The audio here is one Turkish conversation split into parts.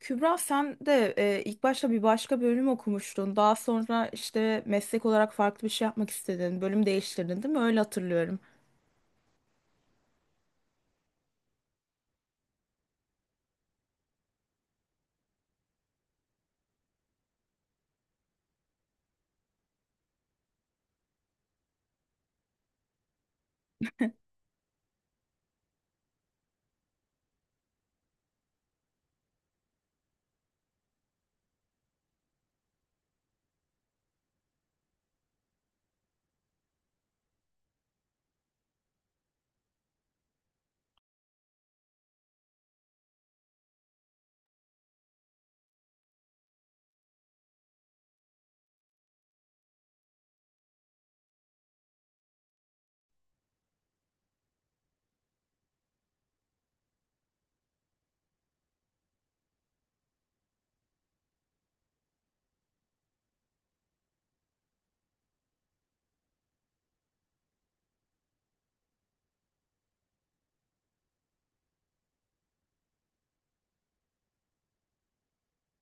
Kübra sen de ilk başta bir başka bölüm okumuştun. Daha sonra işte meslek olarak farklı bir şey yapmak istedin. Bölüm değiştirdin değil mi? Öyle hatırlıyorum.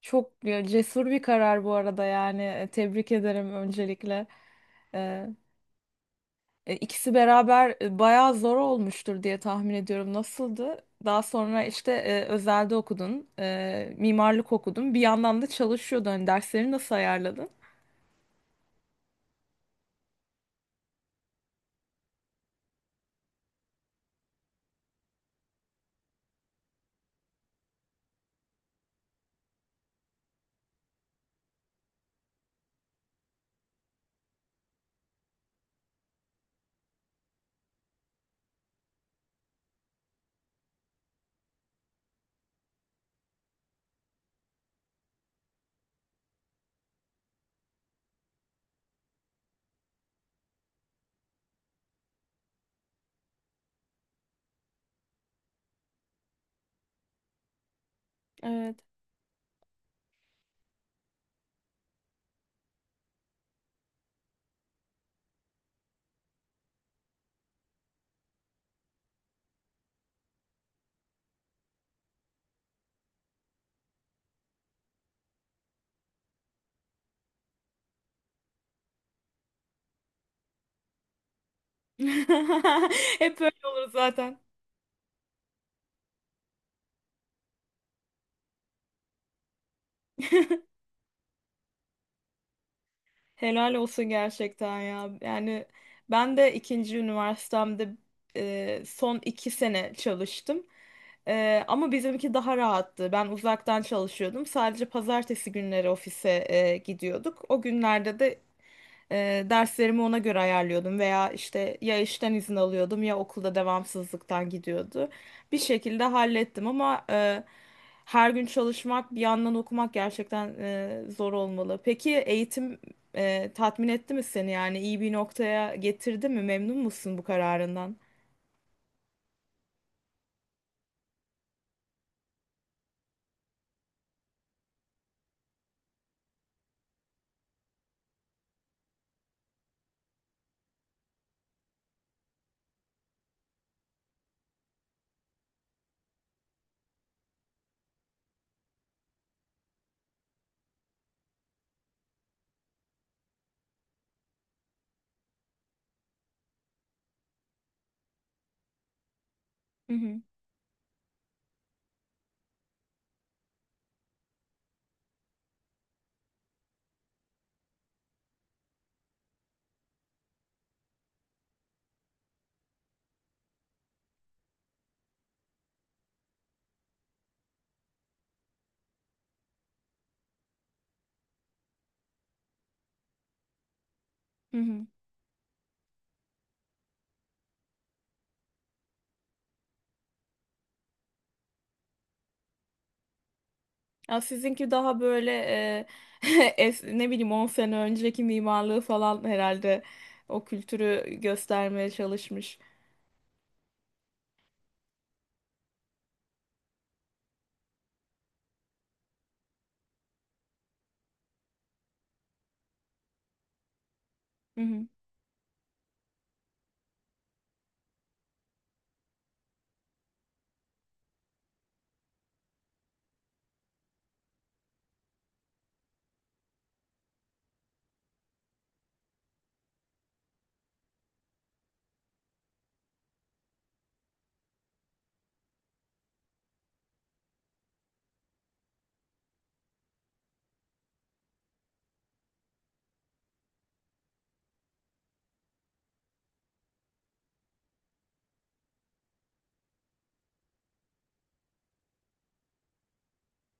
Çok ya, cesur bir karar bu arada yani. Tebrik ederim öncelikle. Ee, ikisi beraber bayağı zor olmuştur diye tahmin ediyorum. Nasıldı? Daha sonra işte özelde okudun, mimarlık okudun. Bir yandan da çalışıyordun. Hani dersleri nasıl ayarladın? Evet. Hep öyle olur zaten. Helal olsun gerçekten ya. Yani ben de ikinci üniversitemde son iki sene çalıştım. E, ama bizimki daha rahattı. Ben uzaktan çalışıyordum. Sadece pazartesi günleri ofise gidiyorduk. O günlerde de derslerimi ona göre ayarlıyordum veya işte ya işten izin alıyordum ya okulda devamsızlıktan gidiyordu. Bir şekilde hallettim ama her gün çalışmak bir yandan okumak gerçekten zor olmalı. Peki eğitim tatmin etti mi seni yani iyi bir noktaya getirdi mi? Memnun musun bu kararından? Hı hı. Hı hı. Ya sizinki daha böyle ne bileyim 10 sene önceki mimarlığı falan herhalde o kültürü göstermeye çalışmış. Hı hı.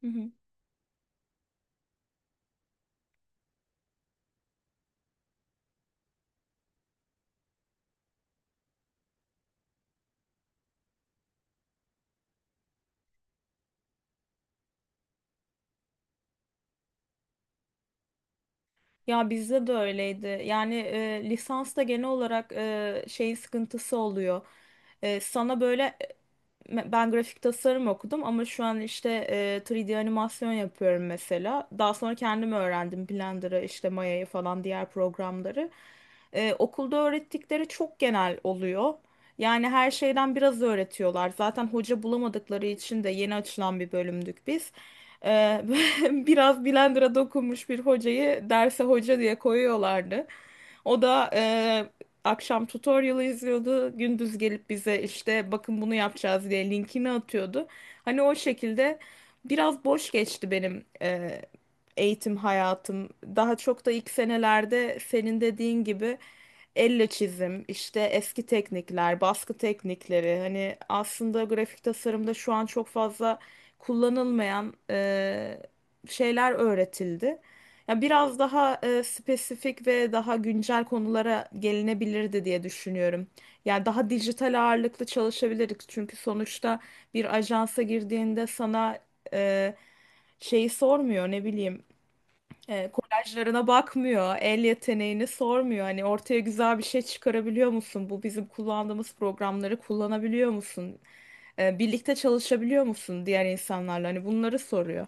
Hı hı. Ya bizde de öyleydi. Yani lisansta genel olarak şeyin sıkıntısı oluyor. Sana böyle, ben grafik tasarım okudum ama şu an işte 3D animasyon yapıyorum mesela. Daha sonra kendim öğrendim Blender'ı, işte Maya'yı falan diğer programları. Okulda öğrettikleri çok genel oluyor. Yani her şeyden biraz öğretiyorlar. Zaten hoca bulamadıkları için de yeni açılan bir bölümdük biz. E, biraz Blender'a dokunmuş bir hocayı derse hoca diye koyuyorlardı. O da akşam tutorial'ı izliyordu. Gündüz gelip bize işte bakın bunu yapacağız diye linkini atıyordu. Hani o şekilde biraz boş geçti benim eğitim hayatım. Daha çok da ilk senelerde senin dediğin gibi elle çizim, işte eski teknikler, baskı teknikleri. Hani aslında grafik tasarımda şu an çok fazla kullanılmayan şeyler öğretildi. Ya biraz daha spesifik ve daha güncel konulara gelinebilirdi diye düşünüyorum. Yani daha dijital ağırlıklı çalışabilirdik. Çünkü sonuçta bir ajansa girdiğinde sana e, şeyi sormuyor, ne bileyim, kolajlarına bakmıyor, el yeteneğini sormuyor. Hani ortaya güzel bir şey çıkarabiliyor musun? Bu bizim kullandığımız programları kullanabiliyor musun? Birlikte çalışabiliyor musun diğer insanlarla? Hani bunları soruyor.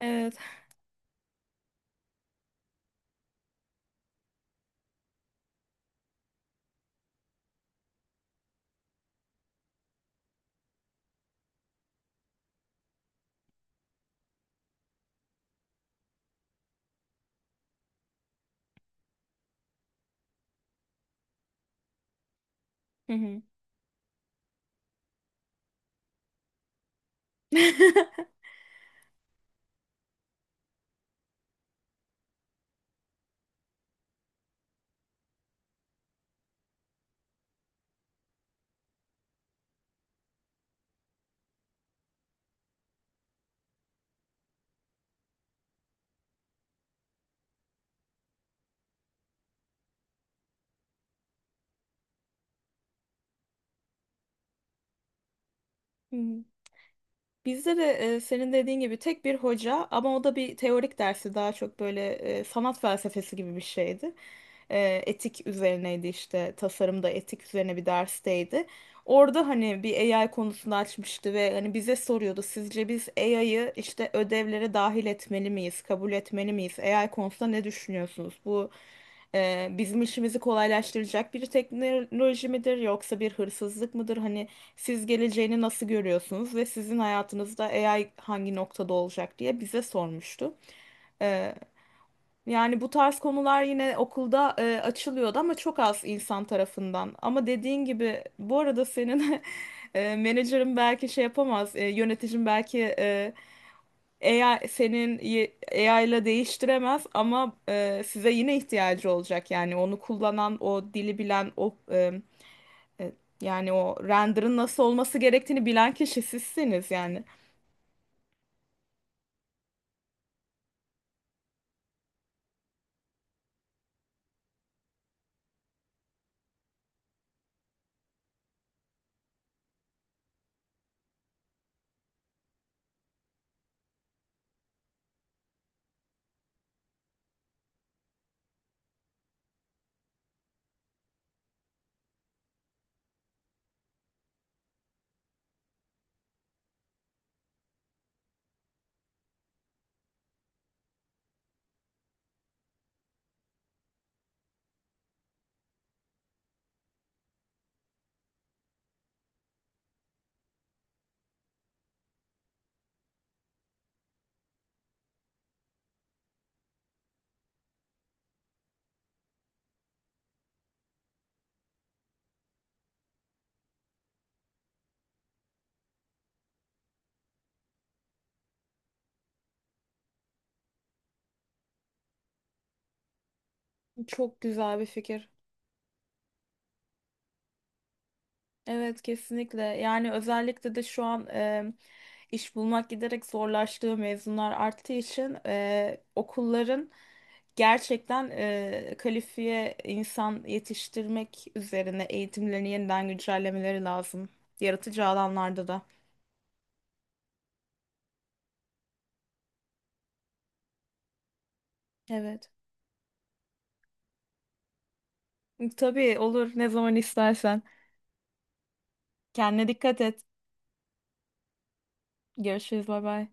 Evet. Hı hı. Hı hı. Bizde de senin dediğin gibi tek bir hoca, ama o da bir teorik dersi, daha çok böyle sanat felsefesi gibi bir şeydi. Etik üzerineydi, işte tasarımda etik üzerine bir dersteydi. Orada hani bir AI konusunu açmıştı ve hani bize soruyordu, sizce biz AI'yı işte ödevlere dahil etmeli miyiz, kabul etmeli miyiz? AI konusunda ne düşünüyorsunuz? Bu bizim işimizi kolaylaştıracak bir teknoloji midir yoksa bir hırsızlık mıdır? Hani siz geleceğini nasıl görüyorsunuz ve sizin hayatınızda AI hangi noktada olacak diye bize sormuştu. Ee, Yani bu tarz konular yine okulda açılıyordu ama çok az insan tarafından. Ama dediğin gibi, bu arada senin menajerin belki şey yapamaz, yöneticin belki e, AI senin y- AI ile değiştiremez ama size yine ihtiyacı olacak. Yani onu kullanan, o dili bilen, e, yani o render'ın nasıl olması gerektiğini bilen kişi sizsiniz yani. Çok güzel bir fikir. Evet, kesinlikle. Yani özellikle de şu an iş bulmak giderek zorlaştığı, mezunlar arttığı için okulların gerçekten kalifiye insan yetiştirmek üzerine eğitimlerini yeniden güncellemeleri lazım. Yaratıcı alanlarda da. Evet. Tabii olur, ne zaman istersen. Kendine dikkat et. Görüşürüz, bay bay.